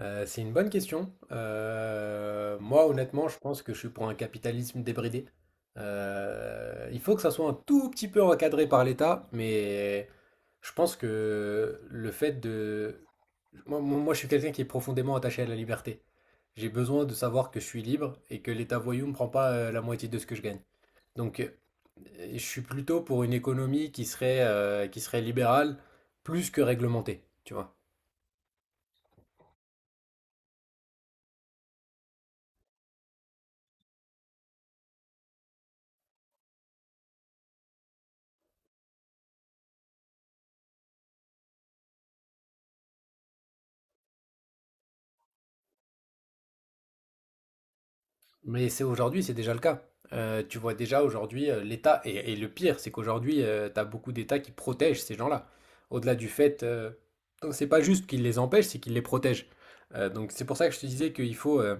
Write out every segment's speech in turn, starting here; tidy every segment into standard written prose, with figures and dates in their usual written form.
C'est une bonne question. Moi, honnêtement, je pense que je suis pour un capitalisme débridé. Il faut que ça soit un tout petit peu encadré par l'État, mais je pense que le fait de... Moi, je suis quelqu'un qui est profondément attaché à la liberté. J'ai besoin de savoir que je suis libre et que l'État voyou ne prend pas la moitié de ce que je gagne. Donc, je suis plutôt pour une économie qui serait libérale plus que réglementée, tu vois. Mais c'est aujourd'hui, c'est déjà le cas. Tu vois déjà aujourd'hui l'État, et le pire, c'est qu'aujourd'hui, tu as beaucoup d'États qui protègent ces gens-là. Au-delà du fait, donc c'est pas juste qu'ils les empêchent, c'est qu'ils les protègent. Donc c'est pour ça que je te disais qu'il faut,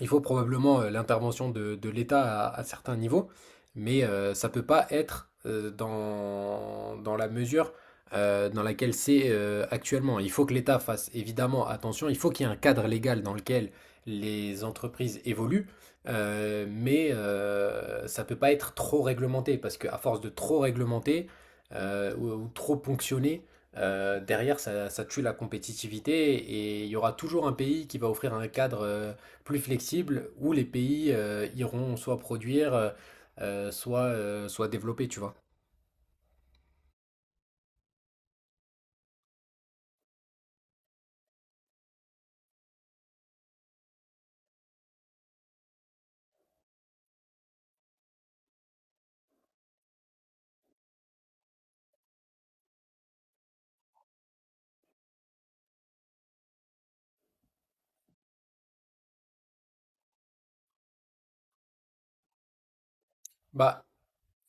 il faut probablement l'intervention de l'État à certains niveaux, mais ça ne peut pas être dans la mesure dans laquelle c'est actuellement. Il faut que l'État fasse évidemment attention, il faut qu'il y ait un cadre légal dans lequel les entreprises évoluent, mais ça ne peut pas être trop réglementé, parce qu'à force de trop réglementer ou trop ponctionner, derrière ça, ça tue la compétitivité et il y aura toujours un pays qui va offrir un cadre plus flexible où les pays iront soit produire, soit développer, tu vois. Bah,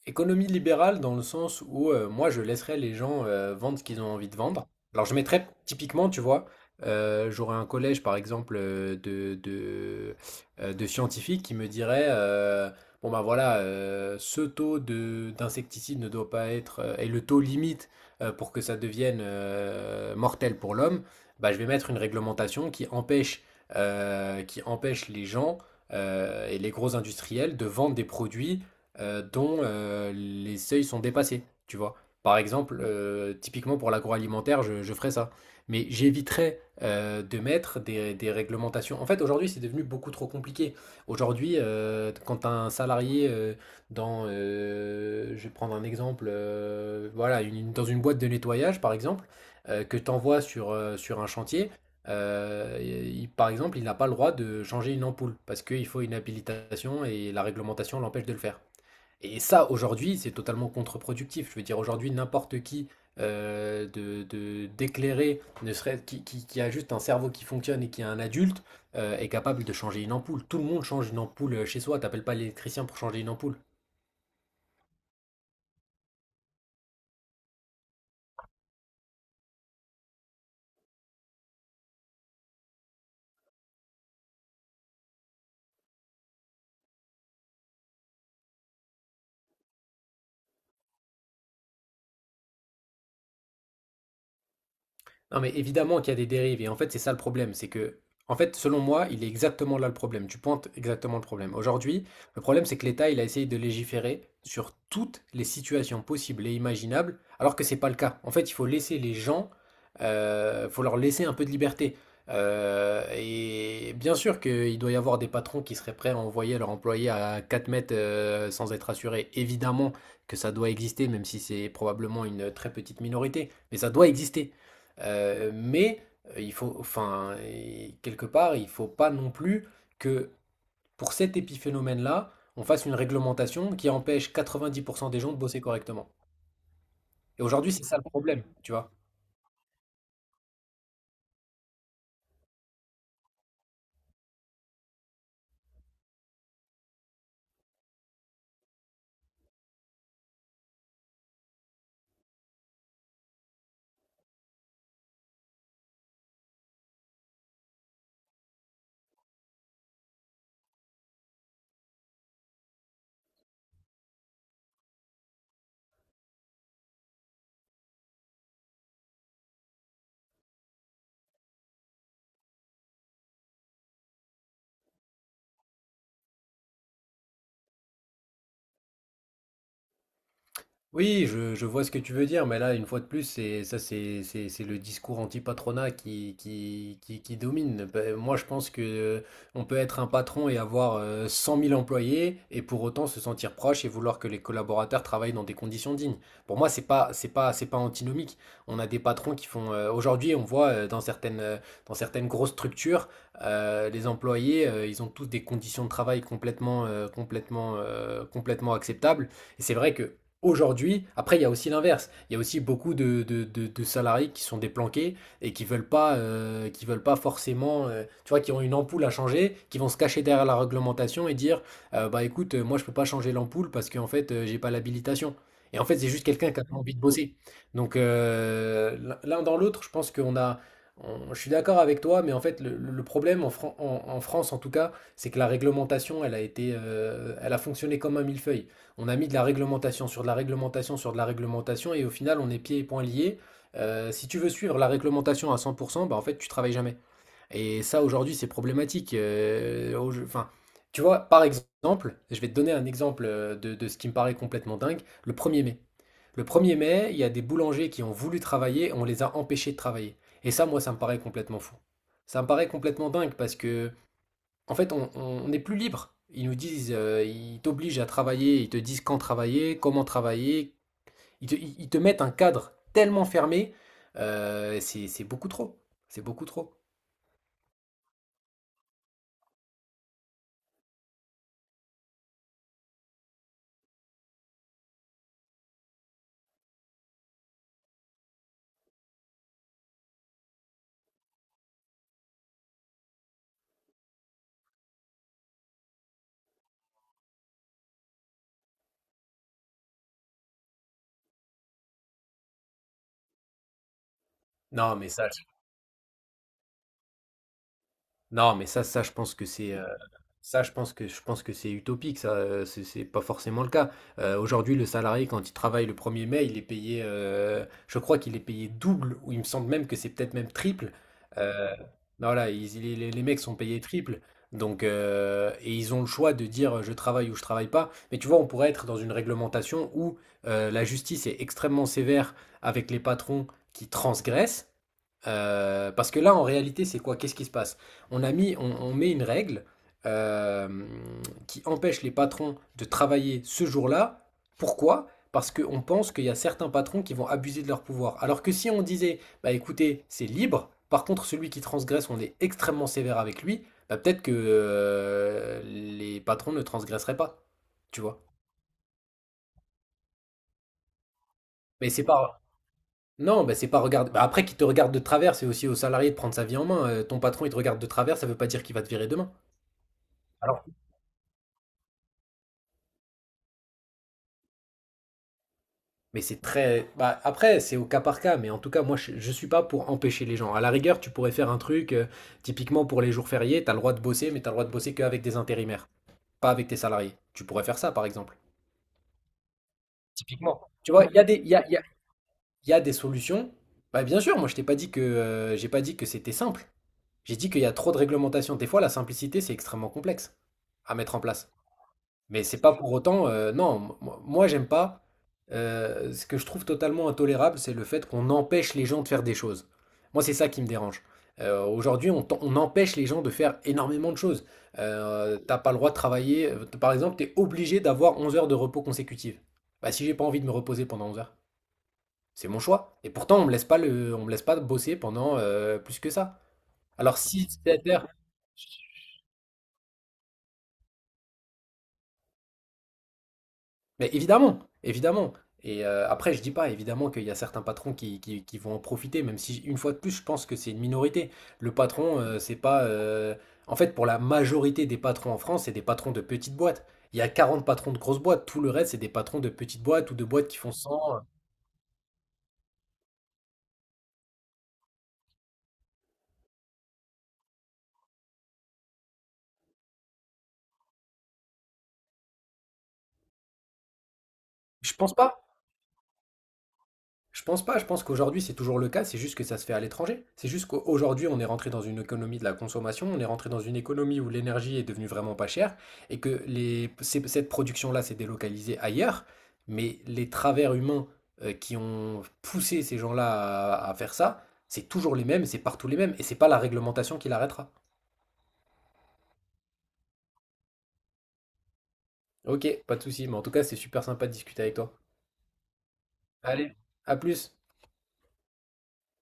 économie libérale dans le sens où moi je laisserais les gens vendre ce qu'ils ont envie de vendre. Alors je mettrais typiquement, tu vois, j'aurais un collège par exemple de scientifiques qui me diraient bon ben voilà, ce taux de d'insecticide ne doit pas être et le taux limite pour que ça devienne mortel pour l'homme, bah, je vais mettre une réglementation qui empêche, les gens et les gros industriels de vendre des produits dont les seuils sont dépassés, tu vois. Par exemple, typiquement pour l'agroalimentaire, je ferais ça. Mais j'éviterais de mettre des réglementations. En fait, aujourd'hui, c'est devenu beaucoup trop compliqué. Aujourd'hui, quand un salarié je vais prendre un exemple, voilà, dans une boîte de nettoyage, par exemple, que tu envoies sur un chantier, par exemple, il n'a pas le droit de changer une ampoule parce qu'il faut une habilitation et la réglementation l'empêche de le faire. Et ça, aujourd'hui, c'est totalement contre-productif. Je veux dire, aujourd'hui, n'importe qui d'éclairer, ne serait qui a juste un cerveau qui fonctionne et qui est un adulte, est capable de changer une ampoule. Tout le monde change une ampoule chez soi. T'appelles pas l'électricien pour changer une ampoule. Non, mais évidemment qu'il y a des dérives, et en fait, c'est ça le problème, c'est que, en fait, selon moi, il est exactement là le problème, tu pointes exactement le problème. Aujourd'hui, le problème, c'est que l'État, il a essayé de légiférer sur toutes les situations possibles et imaginables, alors que c'est pas le cas. En fait, il faut laisser les gens, faut leur laisser un peu de liberté. Et bien sûr qu'il doit y avoir des patrons qui seraient prêts à envoyer leurs employés à 4 mètres sans être assurés. Évidemment que ça doit exister, même si c'est probablement une très petite minorité, mais ça doit exister. Mais il faut, enfin, et quelque part, il faut pas non plus que pour cet épiphénomène-là, on fasse une réglementation qui empêche 90% des gens de bosser correctement. Et aujourd'hui, c'est ça le problème, tu vois. Oui, je vois ce que tu veux dire, mais là, une fois de plus, c'est ça, c'est le discours anti-patronat qui domine. Ben, moi, je pense que on peut être un patron et avoir 100 000 employés et pour autant se sentir proche et vouloir que les collaborateurs travaillent dans des conditions dignes. Pour moi, c'est pas antinomique. On a des patrons qui font. Aujourd'hui, on voit dans certaines grosses structures, les employés, ils ont tous des conditions de travail complètement acceptables. Et c'est vrai que aujourd'hui, après, il y a aussi l'inverse. Il y a aussi beaucoup de salariés qui sont déplanqués et qui veulent pas forcément, tu vois, qui ont une ampoule à changer, qui vont se cacher derrière la réglementation et dire, bah écoute, moi je peux pas changer l'ampoule parce qu'en fait, j'ai pas l'habilitation. Et en fait, c'est juste quelqu'un qui a pas envie de bosser. Donc l'un dans l'autre, je pense qu'on a, je suis d'accord avec toi, mais en fait, le problème en France, en tout cas, c'est que la réglementation, elle a fonctionné comme un millefeuille. On a mis de la réglementation sur de la réglementation sur de la réglementation et au final on est pieds et poings liés. Si tu veux suivre la réglementation à 100%, bah en fait tu travailles jamais. Et ça aujourd'hui c'est problématique. Enfin, tu vois, par exemple, je vais te donner un exemple de ce qui me paraît complètement dingue, le 1er mai. Le 1er mai, il y a des boulangers qui ont voulu travailler, on les a empêchés de travailler. Et ça, moi, ça me paraît complètement fou. Ça me paraît complètement dingue parce que en fait, on est plus libre. Ils nous disent, ils t'obligent à travailler, ils te disent quand travailler, comment travailler. Ils te mettent un cadre tellement fermé, c'est beaucoup trop. C'est beaucoup trop. Non, mais ça, je- non, mais ça, je pense que c'est ça, je pense que c'est utopique, ça, c'est pas forcément le cas. Aujourd'hui, le salarié, quand il travaille le 1er mai, il est payé, je crois qu'il est payé double, ou il me semble même que c'est peut-être même triple. Euh, ben voilà, les mecs sont payés triple, donc, et ils ont le choix de dire je travaille ou je travaille pas. Mais tu vois, on pourrait être dans une réglementation où la justice est extrêmement sévère avec les patrons qui transgressent, parce que là, en réalité, c'est quoi? Qu'est-ce qui se passe? On a mis, on met une règle euh, qui empêche les patrons de travailler ce jour-là. Pourquoi? Parce qu'on pense qu'il y a certains patrons qui vont abuser de leur pouvoir. Alors que si on disait, bah écoutez, c'est libre, par contre, celui qui transgresse, on est extrêmement sévère avec lui, bah peut-être que les patrons ne transgresseraient pas. Tu vois? Mais c'est pas, non, bah, c'est pas regarder. Bah, après, qu'il te regarde de travers, c'est aussi au salarié de prendre sa vie en main. Ton patron, il te regarde de travers, ça veut pas dire qu'il va te virer demain. Alors, mais c'est très. Bah, après, c'est au cas par cas, mais en tout cas, moi, je suis pas pour empêcher les gens. À la rigueur, tu pourrais faire un truc, typiquement pour les jours fériés, t'as le droit de bosser, mais t'as le droit de bosser qu'avec des intérimaires, pas avec tes salariés. Tu pourrais faire ça, par exemple. Typiquement. Tu vois, il y a des, il y a, il y a- il y a des solutions. Bah, bien sûr, moi, je t'ai pas dit que, j'ai pas dit que c'était simple. J'ai dit qu'il y a trop de réglementations. Des fois, la simplicité, c'est extrêmement complexe à mettre en place. Mais c'est pas pour autant, non, moi, j'aime pas. Ce que je trouve totalement intolérable, c'est le fait qu'on empêche les gens de faire des choses. Moi, c'est ça qui me dérange. Aujourd'hui, on empêche les gens de faire énormément de choses. T'as pas le droit de travailler. Par exemple, t'es obligé d'avoir 11 heures de repos consécutives. Bah, si j'ai pas envie de me reposer pendant 11 heures, c'est mon choix. Et pourtant, on me laisse pas le, on me laisse pas bosser pendant plus que ça. Alors, si 7. Mais évidemment, évidemment. Et après, je dis pas, évidemment, qu'il y a certains patrons qui vont en profiter, même si, une fois de plus, je pense que c'est une minorité. Le patron, c'est pas. En fait, pour la majorité des patrons en France, c'est des patrons de petites boîtes. Il y a 40 patrons de grosses boîtes, tout le reste, c'est des patrons de petites boîtes ou de boîtes qui font 100. Je pense pas. Je pense pas, je pense qu'aujourd'hui c'est toujours le cas, c'est juste que ça se fait à l'étranger. C'est juste qu'aujourd'hui on est rentré dans une économie de la consommation, on est rentré dans une économie où l'énergie est devenue vraiment pas chère et que cette production-là s'est délocalisée ailleurs, mais les travers humains qui ont poussé ces gens-là à faire ça, c'est toujours les mêmes, c'est partout les mêmes et c'est pas la réglementation qui l'arrêtera. Ok, pas de souci, mais en tout cas c'est super sympa de discuter avec toi. Allez, à plus.